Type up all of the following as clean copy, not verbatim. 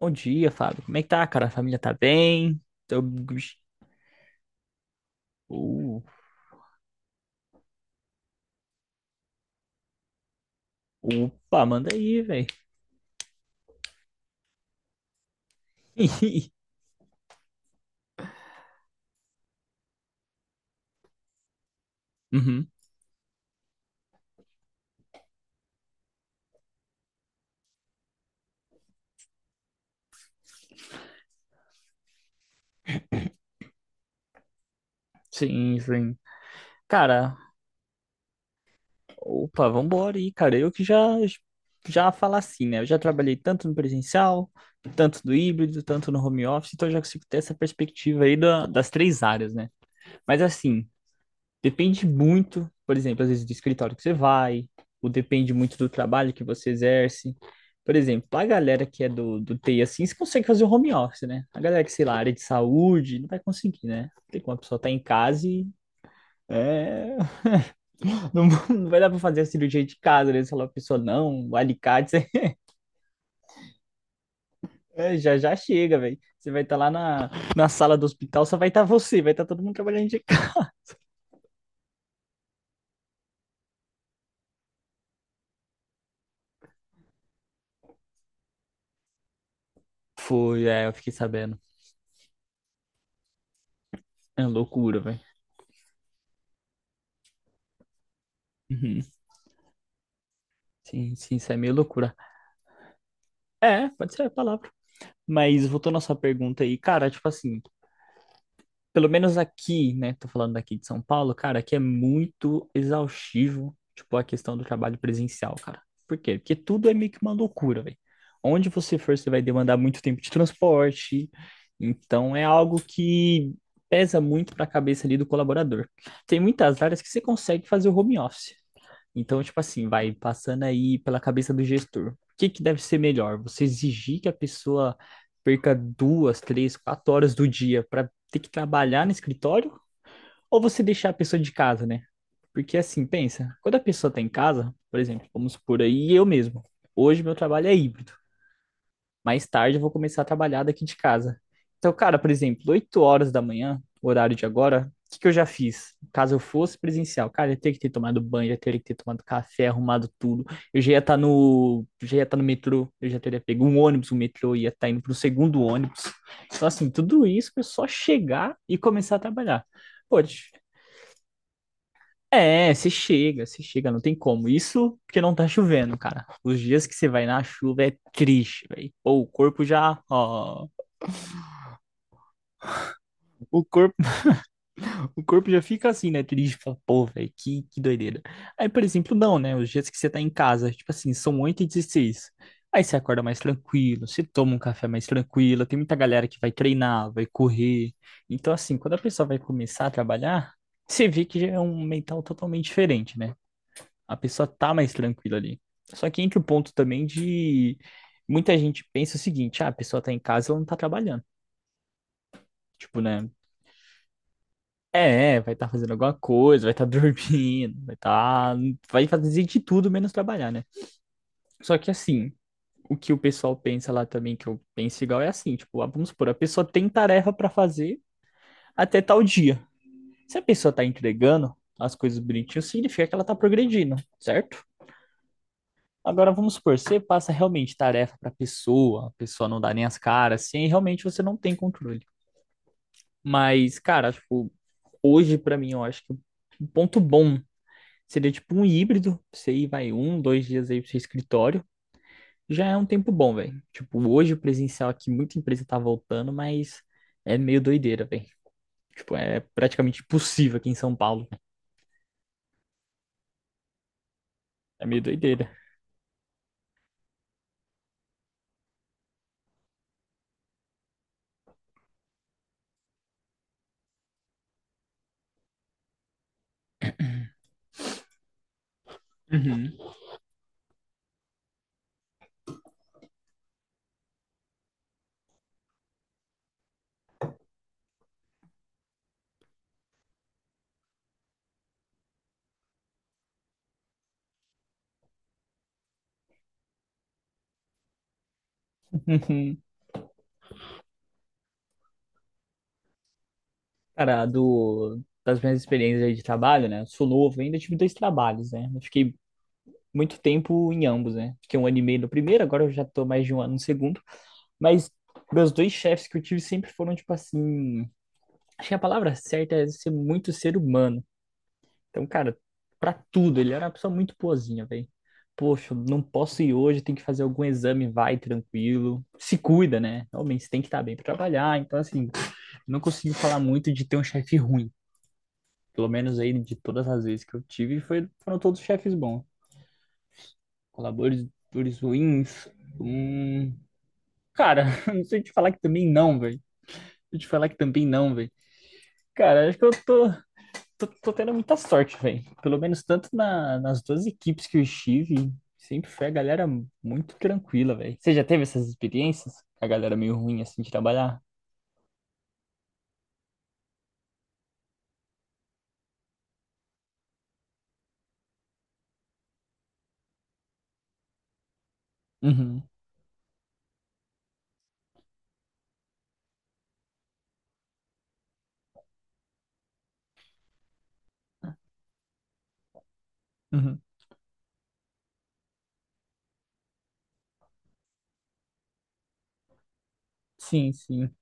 Bom dia, Fábio. Como é que tá, cara? A família tá bem? Tô. Uh, opa, manda aí, velho. Uhum. Sim, sim. Cara, opa, vambora aí, cara. Eu que já falar assim, né? Eu já trabalhei tanto no presencial, tanto no híbrido, tanto no home office, então eu já consigo ter essa perspectiva aí das três áreas, né? Mas assim, depende muito, por exemplo, às vezes do escritório que você vai, ou depende muito do trabalho que você exerce. Por exemplo, a galera que é do TI assim, você consegue fazer o home office, né? A galera que, sei lá, área de saúde, não vai conseguir, né? Não tem como a pessoa tá em casa e. É, não, não vai dar pra fazer a cirurgia de casa, né? Se ela pessoa, não, o alicate, você- é, já já chega, velho. Você vai estar lá na sala do hospital, só vai estar você, vai estar todo mundo trabalhando de casa. Foi, é, eu fiquei sabendo. É uma loucura, velho. Uhum. Sim, sim, isso é meio loucura. É, pode ser a palavra. Mas voltando à sua pergunta aí, cara, tipo assim, pelo menos aqui, né? Tô falando daqui de São Paulo, cara, aqui é muito exaustivo, tipo, a questão do trabalho presencial, cara. Por quê? Porque tudo é meio que uma loucura, velho. Onde você for, você vai demandar muito tempo de transporte. Então, é algo que pesa muito pra cabeça ali do colaborador. Tem muitas áreas que você consegue fazer o home office. Então, tipo assim, vai passando aí pela cabeça do gestor. O que que deve ser melhor? Você exigir que a pessoa perca 2, 3, 4 horas do dia para ter que trabalhar no escritório? Ou você deixar a pessoa de casa, né? Porque assim, pensa, quando a pessoa tá em casa, por exemplo, vamos supor aí eu mesmo. Hoje meu trabalho é híbrido, mais tarde eu vou começar a trabalhar daqui de casa. Então, cara, por exemplo, 8 horas da manhã, o horário de agora, o que que eu já fiz? Caso eu fosse presencial, cara, eu ia ter que ter tomado banho, eu ia ter que ter tomado café, arrumado tudo. Eu já ia estar no, já ia estar no metrô, eu já teria pego um ônibus, um metrô, ia estar indo pro segundo ônibus. Então, assim, tudo isso é só chegar e começar a trabalhar. Pô, é, você chega, não tem como. Isso porque não tá chovendo, cara. Os dias que você vai na chuva é triste, velho. Pô, o corpo já, ó, O corpo, o corpo já fica assim, né? Triste, fala, pô, velho, que doideira. Aí, por exemplo, não, né? Os dias que você tá em casa, tipo assim, são 8h16. Aí você acorda mais tranquilo, você toma um café mais tranquilo. Tem muita galera que vai treinar, vai correr. Então, assim, quando a pessoa vai começar a trabalhar, você vê que já é um mental totalmente diferente, né? A pessoa tá mais tranquila ali. Só que entra o ponto também de muita gente pensa o seguinte: ah, a pessoa tá em casa, ela não tá trabalhando. Tipo, né? É, vai estar fazendo alguma coisa, vai estar dormindo, vai estar. Vai fazer de tudo menos trabalhar, né? Só que assim, o que o pessoal pensa lá também, que eu penso igual, é assim, tipo, ah, vamos supor, a pessoa tem tarefa pra fazer até tal dia. Se a pessoa tá entregando as coisas bonitinho, significa que ela tá progredindo, certo? Agora vamos supor, você passa realmente tarefa pra pessoa, a pessoa não dá nem as caras, assim, e realmente você não tem controle. Mas, cara, tipo, hoje pra mim eu acho que um ponto bom seria tipo um híbrido, você ir, vai um, dois dias aí pro seu escritório. Já é um tempo bom, velho. Tipo, hoje o presencial aqui, muita empresa tá voltando, mas é meio doideira, velho. Tipo, é praticamente impossível aqui em São Paulo. É meio doideira. Uhum. Cara, do, das minhas experiências aí de trabalho, né? Eu sou novo, ainda tive dois trabalhos, né? Eu fiquei muito tempo em ambos, né? Fiquei um ano e meio no primeiro, agora eu já tô mais de um ano no segundo. Mas meus dois chefes que eu tive sempre foram, tipo assim. Acho que a palavra certa é ser muito ser humano. Então, cara, pra tudo, ele era uma pessoa muito boazinha, velho. Poxa, não posso ir hoje, tem que fazer algum exame, vai tranquilo. Se cuida, né? Realmente, você tem que estar bem pra trabalhar. Então, assim, não consigo falar muito de ter um chefe ruim. Pelo menos aí, de todas as vezes que eu tive, foram todos chefes bons. Colaboradores ruins. Hum. Cara, não sei te falar que também não, velho. Deixa eu te falar que também não, velho. Cara, acho que eu tô. Tô tendo muita sorte, velho. Pelo menos tanto nas duas equipes que eu estive, sempre foi a galera muito tranquila, velho. Você já teve essas experiências? A galera meio ruim assim de trabalhar? Uhum, uhum. Sim, sim.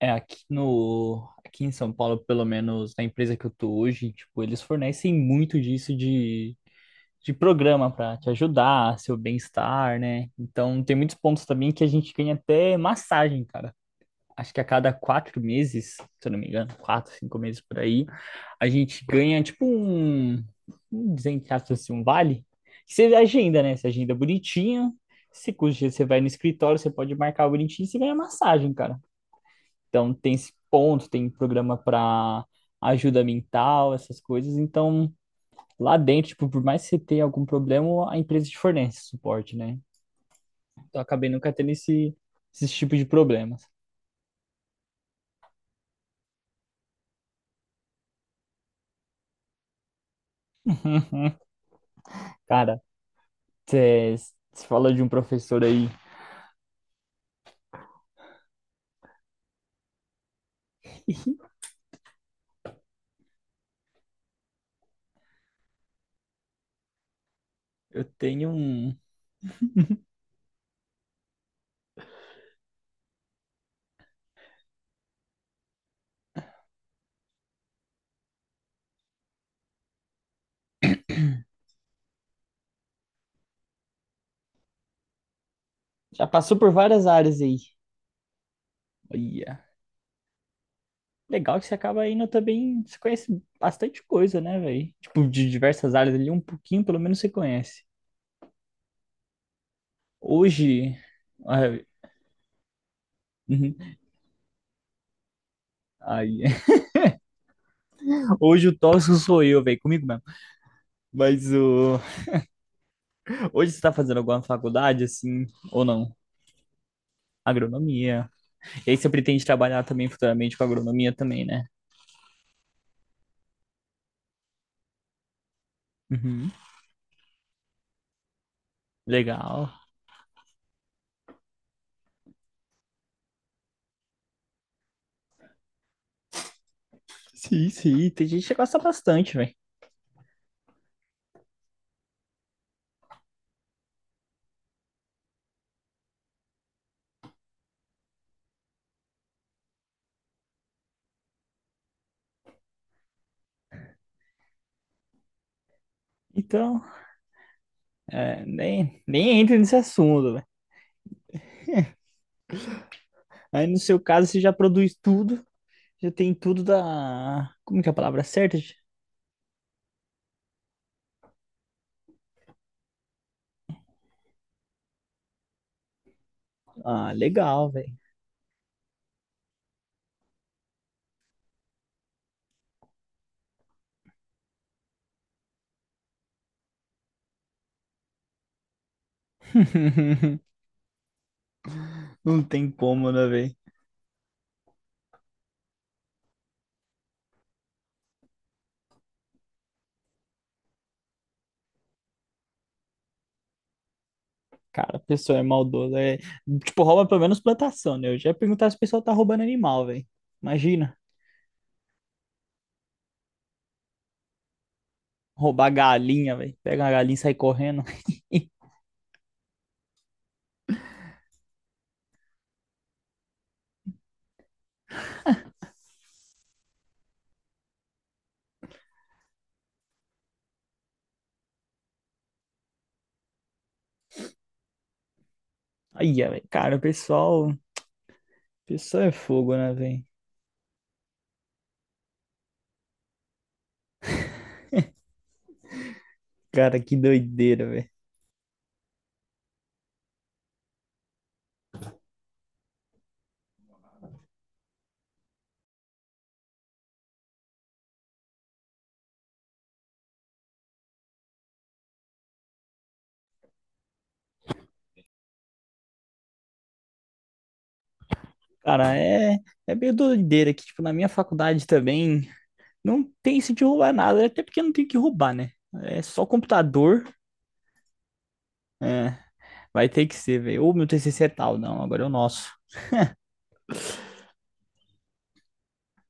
É, aqui no, aqui em São Paulo, pelo menos na empresa que eu tô hoje, tipo, eles fornecem muito disso de, programa pra te ajudar, seu bem-estar, né? Então tem muitos pontos também que a gente ganha até massagem, cara. Acho que a cada 4 meses, se eu não me engano, 4, 5 meses por aí, a gente ganha tipo um dizer assim, um vale. Que você agenda, né? Você agenda bonitinho. Se cujo dia você vai no escritório, você pode marcar bonitinho e você ganha massagem, cara. Então tem esse ponto, tem programa para ajuda mental, essas coisas. Então, lá dentro, tipo, por mais que você tenha algum problema, a empresa te fornece suporte, né? Então eu acabei nunca tendo esse tipo de problemas. Cara, você falou de um professor aí. Eu tenho um. Já passou por várias áreas aí. Olha. Legal que você acaba indo também. Você conhece bastante coisa, né, velho? Tipo, de diversas áreas ali, um pouquinho pelo menos você conhece. Hoje. Ai, ai, hoje o tóxico sou eu, velho, comigo mesmo. Mas o... hoje você tá fazendo alguma faculdade, assim, ou não? Agronomia. E aí você pretende trabalhar também futuramente com agronomia também, né? Uhum. Legal. Sim, sim, tem gente que gosta bastante, velho. Então, é, nem, nem entra nesse assunto, velho. Aí no seu caso, você já produz tudo, já tem tudo da. Como que é a palavra certa? Gente? Ah, legal, velho. Não tem como, né, velho? Cara, a pessoa é maldosa. É. Tipo, rouba pelo menos plantação, né? Eu já ia perguntar se o pessoal tá roubando animal, velho. Imagina, roubar galinha, velho. Pega uma galinha e sai correndo. Aí, velho. Cara, o pessoal. O pessoal é fogo, né, velho? Cara, que doideira, velho. Cara, é, é meio doideira que, tipo, na minha faculdade também não tem isso de roubar nada, até porque não tem que roubar, né? É só computador, vai ter que ser, velho. Ou meu TCC é tal, não, agora é o nosso.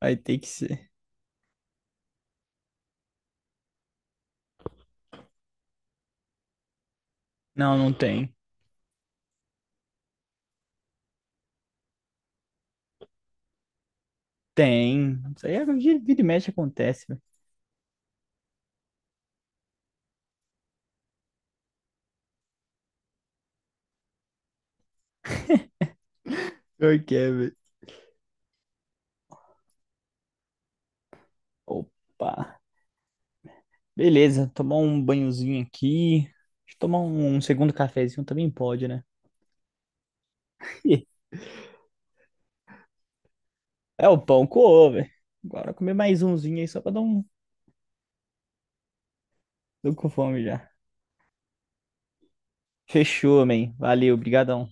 Vai ter que ser. Não, não tem. Tem. Isso aí é vira e mexe acontece, velho. Pior que é, velho. Opa. Beleza, tomar um banhozinho aqui. Deixa eu tomar um segundo cafezinho também pode, né? É o pão com ovo, velho. Agora comer mais umzinho aí só pra dar um. Tô com fome já. Fechou, man. Valeu, brigadão.